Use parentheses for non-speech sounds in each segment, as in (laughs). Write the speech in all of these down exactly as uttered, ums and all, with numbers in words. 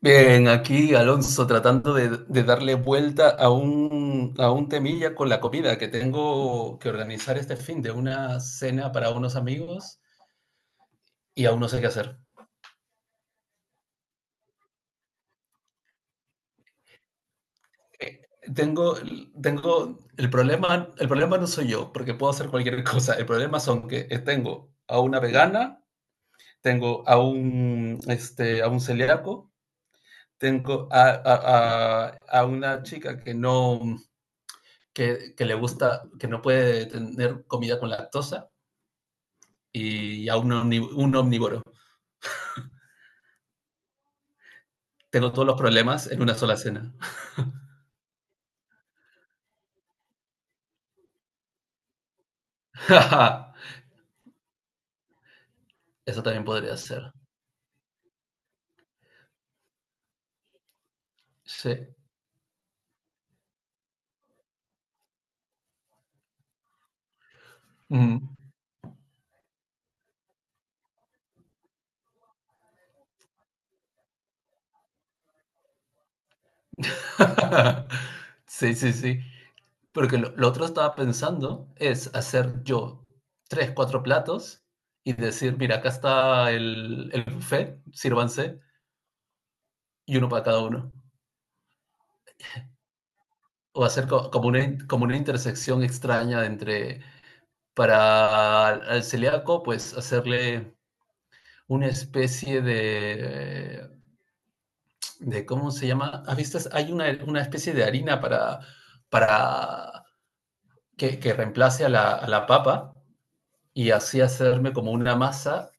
Bien, aquí Alonso tratando de, de darle vuelta a un, a un temilla con la comida que tengo que organizar este fin de una cena para unos amigos y aún no sé qué hacer. Eh, Tengo, tengo el problema, el problema no soy yo, porque puedo hacer cualquier cosa. El problema son que eh, tengo a una vegana, tengo a un, este, a un celíaco, tengo a, a, a- a una chica que no, que, que le gusta, que no puede tener comida con lactosa y a un, omni- un omnívoro. Tengo todos los problemas en una sola cena. (laughs) Eso también podría ser. Sí. Mm. (laughs) Sí, sí, sí. Porque lo, lo otro estaba pensando es hacer yo tres, cuatro platos y decir, mira, acá está el, el buffet, sírvanse, y uno para cada uno. O hacer co- como una, como una intersección extraña entre para al celíaco, pues hacerle una especie de, de ¿cómo se llama? ¿Has visto? Hay una, una especie de harina para, para que, que reemplace a la, a la papa y así hacerme como una masa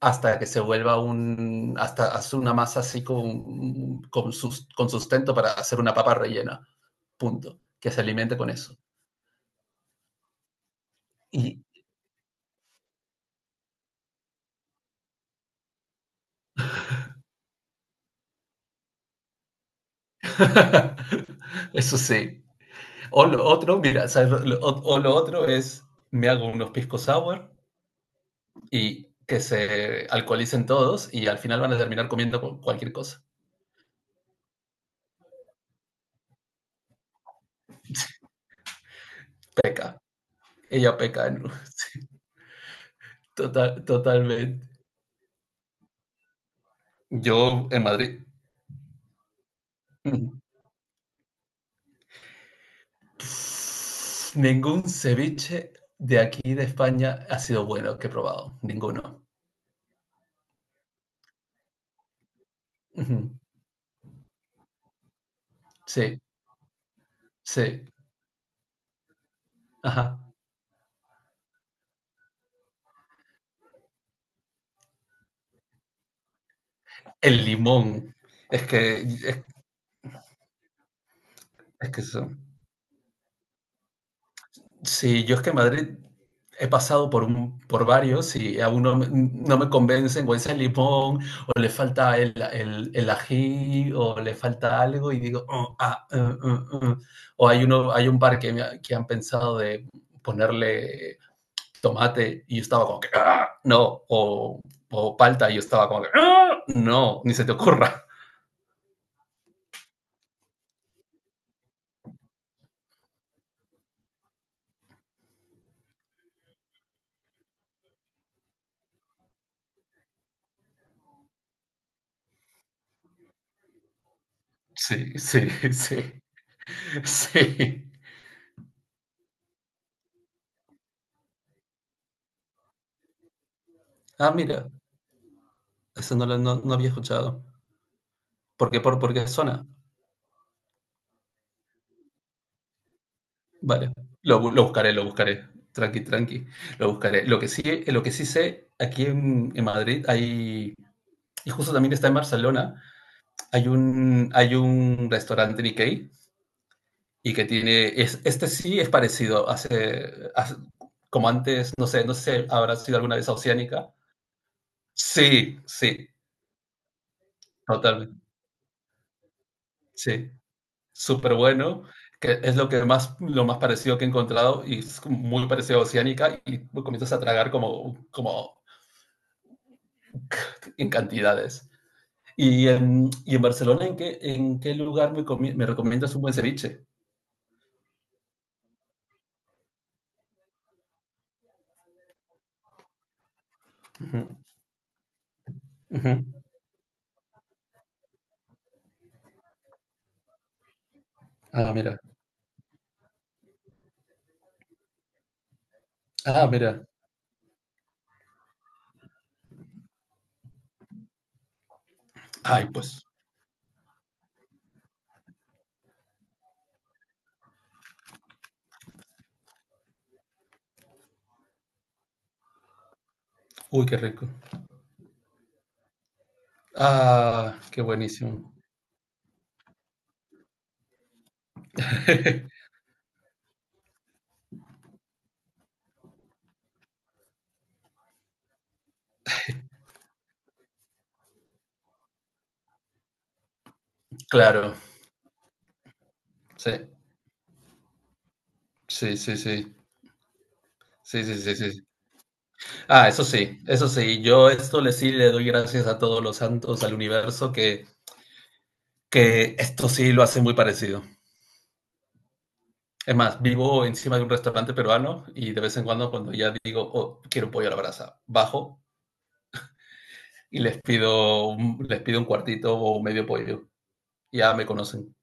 hasta que se vuelva un, hasta hacer una masa así con, con, sus, con sustento para hacer una papa rellena, punto, que se alimente con eso. Y (laughs) eso sí. O lo otro, mira, ¿sabes? Lo- o, o lo otro es, me hago unos pisco sour y que se alcoholicen todos y al final van a terminar comiendo cu- cualquier cosa. Ella peca en- (laughs) total- totalmente. Yo en Madrid. mm, pff, Ningún ceviche de aquí de España ha sido bueno que he probado, ninguno. Ujú, sí, sí, ajá. El limón, es que, es, es que eso. Sí, yo es que en Madrid he pasado por, un, por varios y aún no, me- no me convencen, o ese limón, o le falta el, el, el ají, o le falta algo, y digo: "Oh, ah, eh, eh, eh". O hay, uno, hay un par que, me ha- que han pensado de ponerle tomate, y yo estaba como que: "Ah, no", o, o palta, y yo estaba como que: "Ah, no, ni se te ocurra". Sí, sí, (laughs) sí, sí. Ah, mira, eso no lo no- no había escuchado. ¿Por qué? ¿Por, por qué zona? Vale, lo, lo buscaré, lo buscaré. Tranqui, tranqui, lo buscaré. Lo que sí, lo que sí sé, aquí en, en Madrid hay, y justo también está en Barcelona, hay un, hay un restaurante Nikkei y que tiene, es, este sí es parecido, hace, hace- como antes, no sé, no sé, si habrá sido alguna vez a Oceánica. Sí, sí, totalmente, sí, súper bueno, que es lo que más, lo más parecido que he encontrado, y es como muy parecido a Oceánica, y comienzas a tragar como, como en cantidades. Y en, y en Barcelona, ¿en qué, en qué lugar me, comi- me recomiendas un buen ceviche? Ujú, ujú. Ah, mira. Ah, mira. Ay, pues. Uy, qué rico. Ah, qué buenísimo. (laughs) Claro, sí, sí, sí, sí. Sí, sí, sí, sí. Ah, eso sí, eso sí. Yo esto le sí le doy gracias a todos los santos, al universo, que, que esto sí lo hace muy parecido. Es más, vivo encima de un restaurante peruano y de vez en cuando, cuando ya digo: "Oh, quiero un pollo a la brasa", bajo y les pido un, les pido un cuartito o medio pollo. Ya me conocen.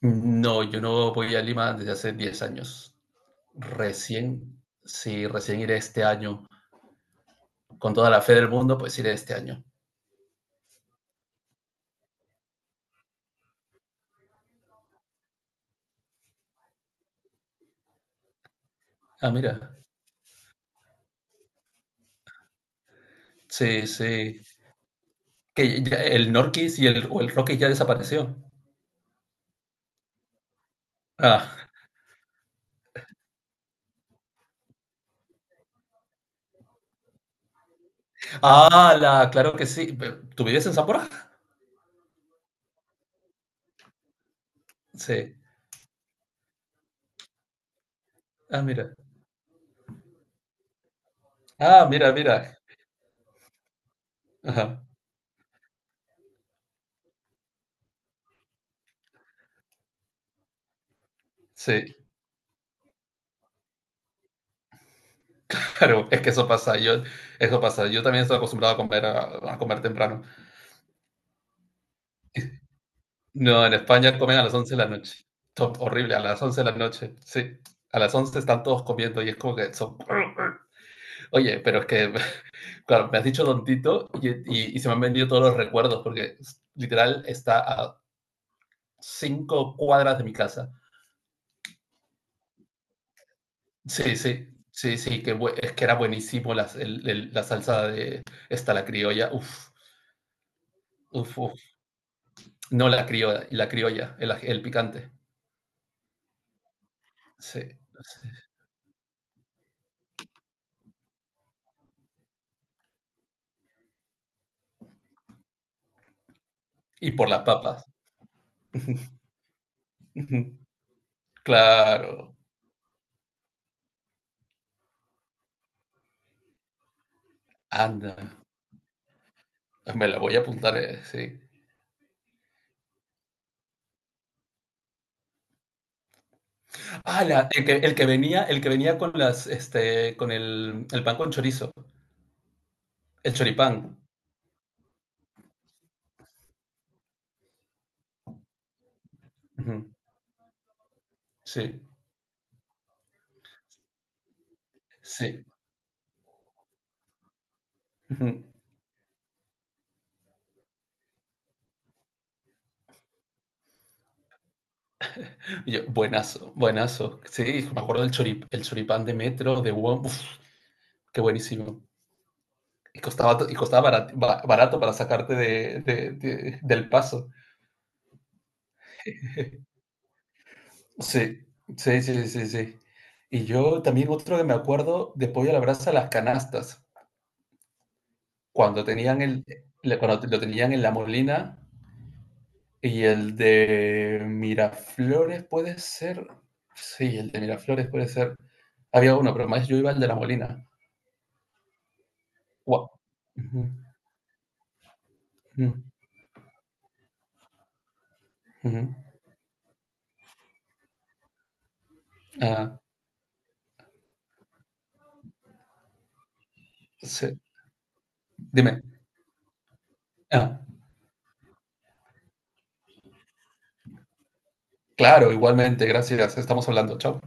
No, yo no voy a Lima desde hace diez años. Recién, sí, recién iré este año. Con toda la fe del mundo, pues iré este año. Ah, mira. Sí, sí. Que ya el Norquis y el, o el Rocky ya desapareció. Ah, ah la, claro que sí. Pe- ¿Tú vives en Zamora? Sí. Ah, mira. Ah, mira, mira. Ajá. Sí. Claro, es que eso pasa. Yo, eso pasa. Yo también estoy acostumbrado a comer, a, a comer temprano. No, en España comen a las once de la noche. To- Horrible, a las once de la noche. Sí, a las once están todos comiendo y es como que son... (laughs) Oye, pero es que, (laughs) claro, me has dicho tontito, y, y- y se me han venido todos los recuerdos porque literal está a cinco cuadras de mi casa. Sí, sí, sí, sí, que bu- es que era buenísimo las- el- el- la salsa de esta, la criolla. Uf, uf, uf. No la criolla, la criolla, el, el picante. Sí, sí. Y por las papas. (laughs) Claro. Anda. Me la voy a apuntar, eh, sí. Ah, la- el que, el que venía, el que venía con las, este, con el, el pan con chorizo, el choripán. Ujú, sí, sí. Ujú. Y yo, buenazo, buenazo. Sí, me acuerdo del chorip, el choripán de metro, de W O M, uf, qué buenísimo. Y costaba, to- y costaba barat- ba- barato, para sacarte de, de- de- del paso. Sí, sí, sí, sí, sí. Y yo también otro que me acuerdo de pollo a la brasa, las canastas, cuando tenían el, le- cuando lo tenían en La Molina, y el de Miraflores puede ser, sí, el de Miraflores puede ser. Había uno, pero más yo iba al de La Molina. Guau. Ujú, ujú, ujú. Ah, sí. Dime. Ah, claro, igualmente, gracias. Estamos hablando. Chao.